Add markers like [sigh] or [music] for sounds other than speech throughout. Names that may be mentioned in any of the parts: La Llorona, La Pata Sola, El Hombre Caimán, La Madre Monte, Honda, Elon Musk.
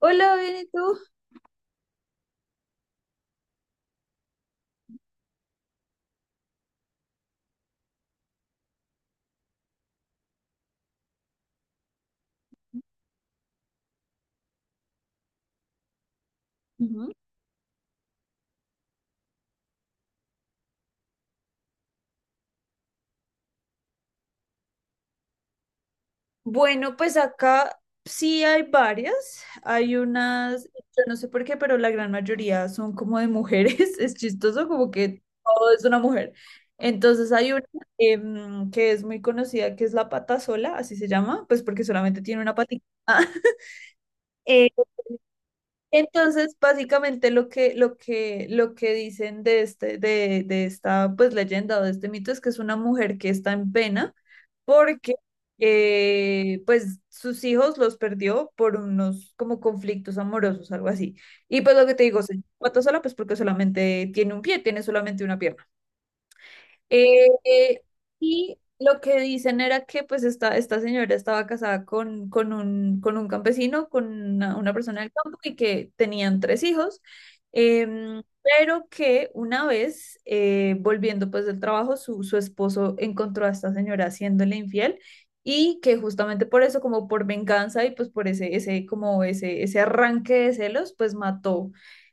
Hola, bien, ¿y tú? Ujú. Bueno, pues acá sí hay varias. Hay unas, yo no sé por qué, pero la gran mayoría son como de mujeres. [laughs] Es chistoso, como que todo es una mujer. Entonces hay una que es muy conocida, que es la pata sola, así se llama, pues porque solamente tiene una patita. [laughs] Entonces, básicamente lo que dicen de esta pues leyenda o de este mito es que es una mujer que está en pena porque pues sus hijos los perdió por unos como conflictos amorosos, algo así. Y pues lo que te digo, se mató sola pues porque solamente tiene un pie, tiene solamente una pierna. Eh, eh, y lo que dicen era que pues esta señora estaba casada con un campesino, con una persona del campo y que tenían tres hijos, pero que una vez volviendo pues del trabajo, su esposo encontró a esta señora haciéndole infiel y que justamente por eso, como por venganza y pues por ese arranque de celos, pues mató.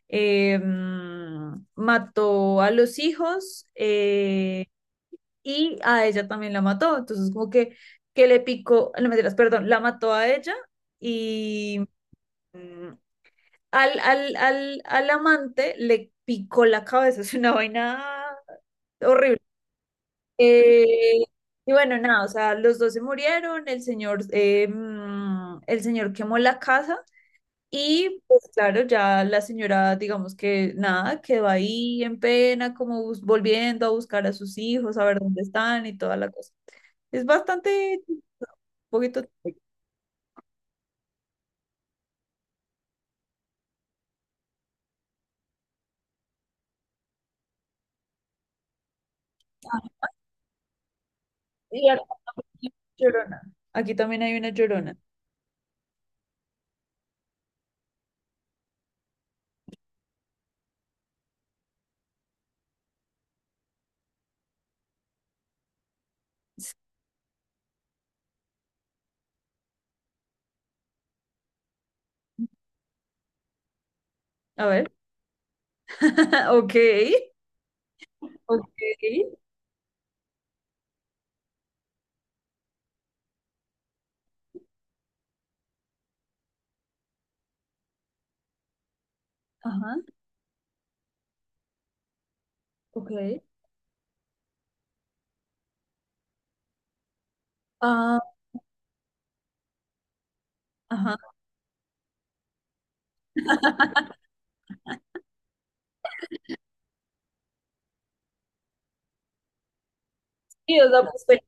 Mató a los hijos, y a ella también la mató. Entonces, como que le picó, no mentiras, perdón, la mató a ella y mm, al amante le picó la cabeza. [laughs] Es una vaina horrible. Eh, y bueno, nada, o sea, los dos se murieron, el señor, el señor quemó la casa. Y pues claro, ya la señora, digamos que nada, quedó ahí en pena, como volviendo a buscar a sus hijos, a ver dónde están y toda la cosa. Es bastante poquito. Y a- Llorona. Aquí también hay una llorona. A ver. [laughs] Ok. Ok. Ajá. Ok. Ah, ajá. [laughs] Sí, o sea,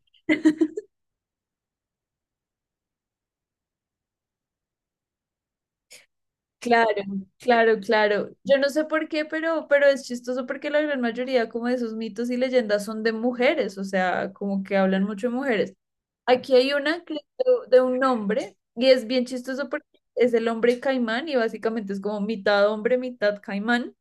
claro, claro, claro. Yo no sé por qué, pero es chistoso porque la gran mayoría como de esos mitos y leyendas son de mujeres, o sea, como que hablan mucho de mujeres. Aquí hay una que es de un hombre y es bien chistoso porque es el hombre caimán y básicamente es como mitad hombre, mitad caimán.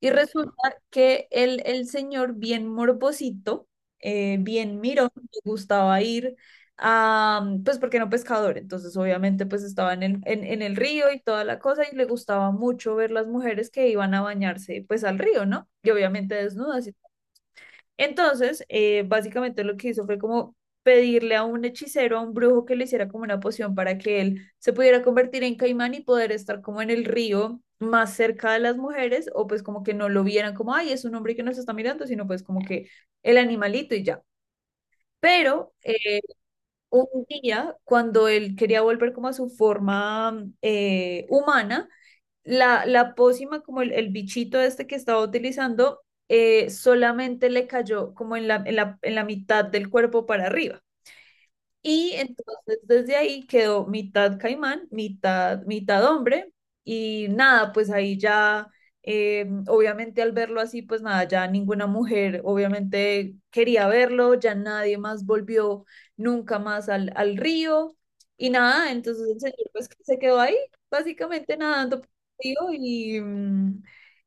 Y resulta que el señor, bien morbosito, bien mirón, le gustaba ir a, pues porque era un pescador, entonces obviamente pues estaba en en el río y toda la cosa y le gustaba mucho ver las mujeres que iban a bañarse pues al río, ¿no? Y obviamente desnudas. Y entonces, básicamente lo que hizo fue como pedirle a un hechicero, a un brujo que le hiciera como una poción para que él se pudiera convertir en caimán y poder estar como en el río más cerca de las mujeres o pues como que no lo vieran como, ay, es un hombre que nos está mirando, sino pues como que el animalito y ya. Pero un día, cuando él quería volver como a su forma humana, la pócima, como el bichito este que estaba utilizando, solamente le cayó como en en la mitad del cuerpo para arriba. Y entonces desde ahí quedó mitad caimán, mitad hombre. Y nada, pues ahí ya, obviamente al verlo así, pues nada, ya ninguna mujer obviamente quería verlo, ya nadie más volvió nunca más al río. Y nada, entonces el señor pues que se quedó ahí, básicamente nadando por el río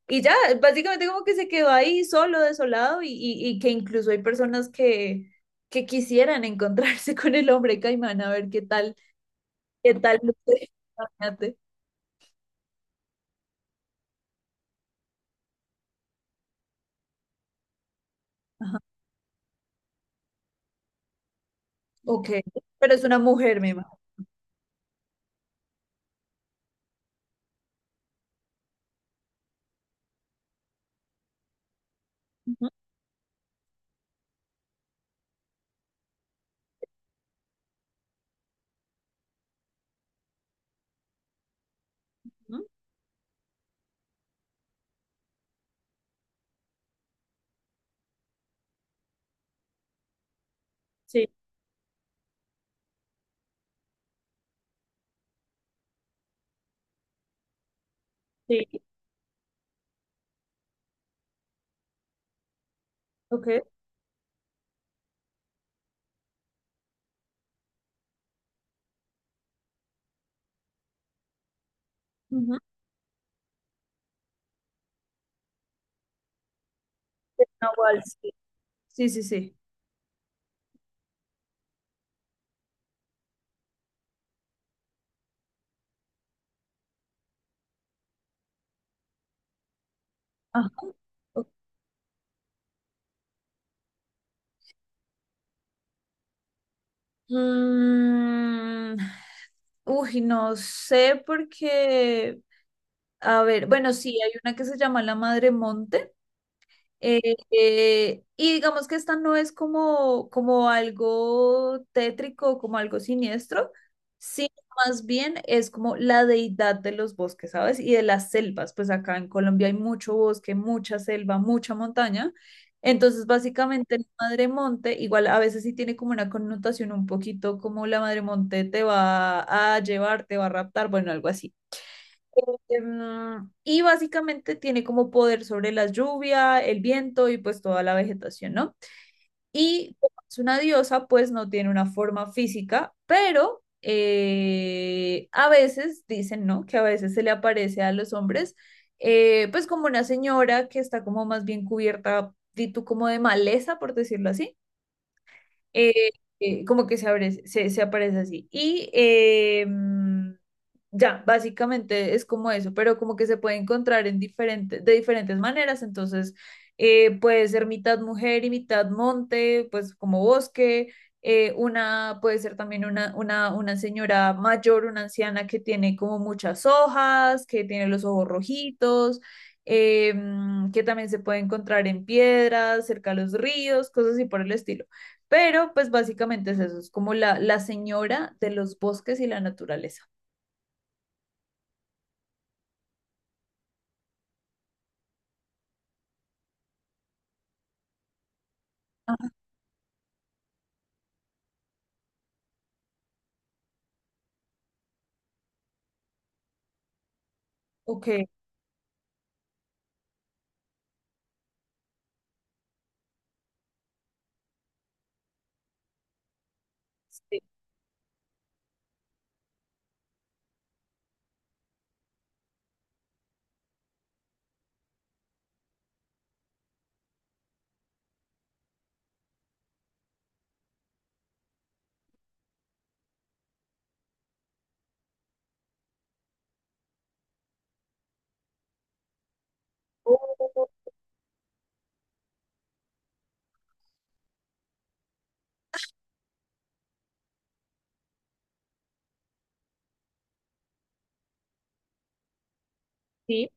y ya, básicamente como que se quedó ahí solo, desolado y que incluso hay personas que quisieran encontrarse con el hombre caimán a ver qué tal, qué tal. Luce. Imagínate. Ajá. Ok, pero es una mujer, me imagino. Ujú, ujú. Sí, sí, ok. Ujú. Es una waltz, sí, sí, sí, sí. Ajá, ok. Mm, Uy, no sé porque, a ver, bueno, sí, hay una que se llama La Madre Monte. Eh, y digamos que esta no es como, como algo tétrico, como algo siniestro, sino más bien es como la deidad de los bosques, ¿sabes? Y de las selvas, pues acá en Colombia hay mucho bosque, mucha selva, mucha montaña. Entonces, básicamente, la madre monte, igual a veces sí tiene como una connotación un poquito como la madre monte te va a llevar, te va a raptar, bueno, algo así. Em, y básicamente tiene como poder sobre la lluvia, el viento y pues toda la vegetación, ¿no? Y como es una diosa, pues no tiene una forma física, pero a veces dicen, ¿no? Que a veces se le aparece a los hombres, pues como una señora que está como más bien cubierta, di tú, como de maleza, por decirlo así, eh, como que se abre, se aparece así. Ya, básicamente es como eso, pero como que se puede encontrar en diferente, de diferentes maneras, entonces puede ser mitad mujer y mitad monte, pues como bosque. Una puede ser también una señora mayor, una anciana que tiene como muchas hojas, que tiene los ojos rojitos, que también se puede encontrar en piedras, cerca de los ríos, cosas así por el estilo. Pero pues básicamente es eso, es como la señora de los bosques y la naturaleza. Ah, ok. Sí. Oh, sí.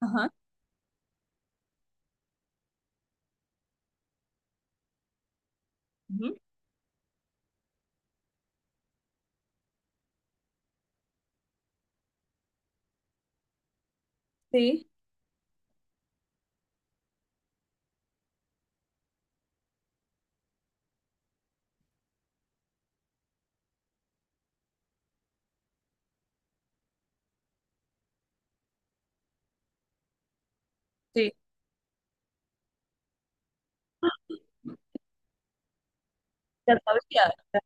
Ajá, ujú. Sí, sí. Ya sabes ya- ya-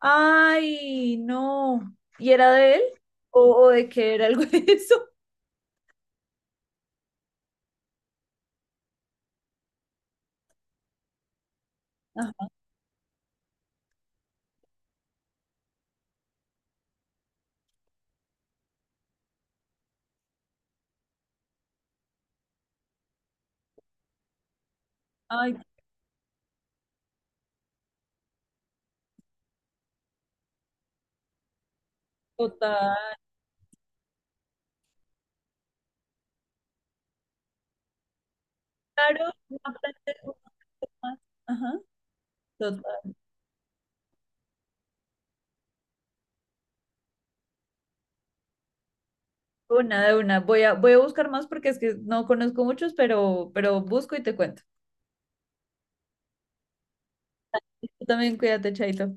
Ay, no. ¿Y era de él? O de qué era algo de eso? Ajá. Ay, total. Claro, no aprende Ah, Ajá, total. Una de una. Voy a buscar más porque es que no conozco muchos, pero busco y te cuento. Tú también cuídate, Chaito.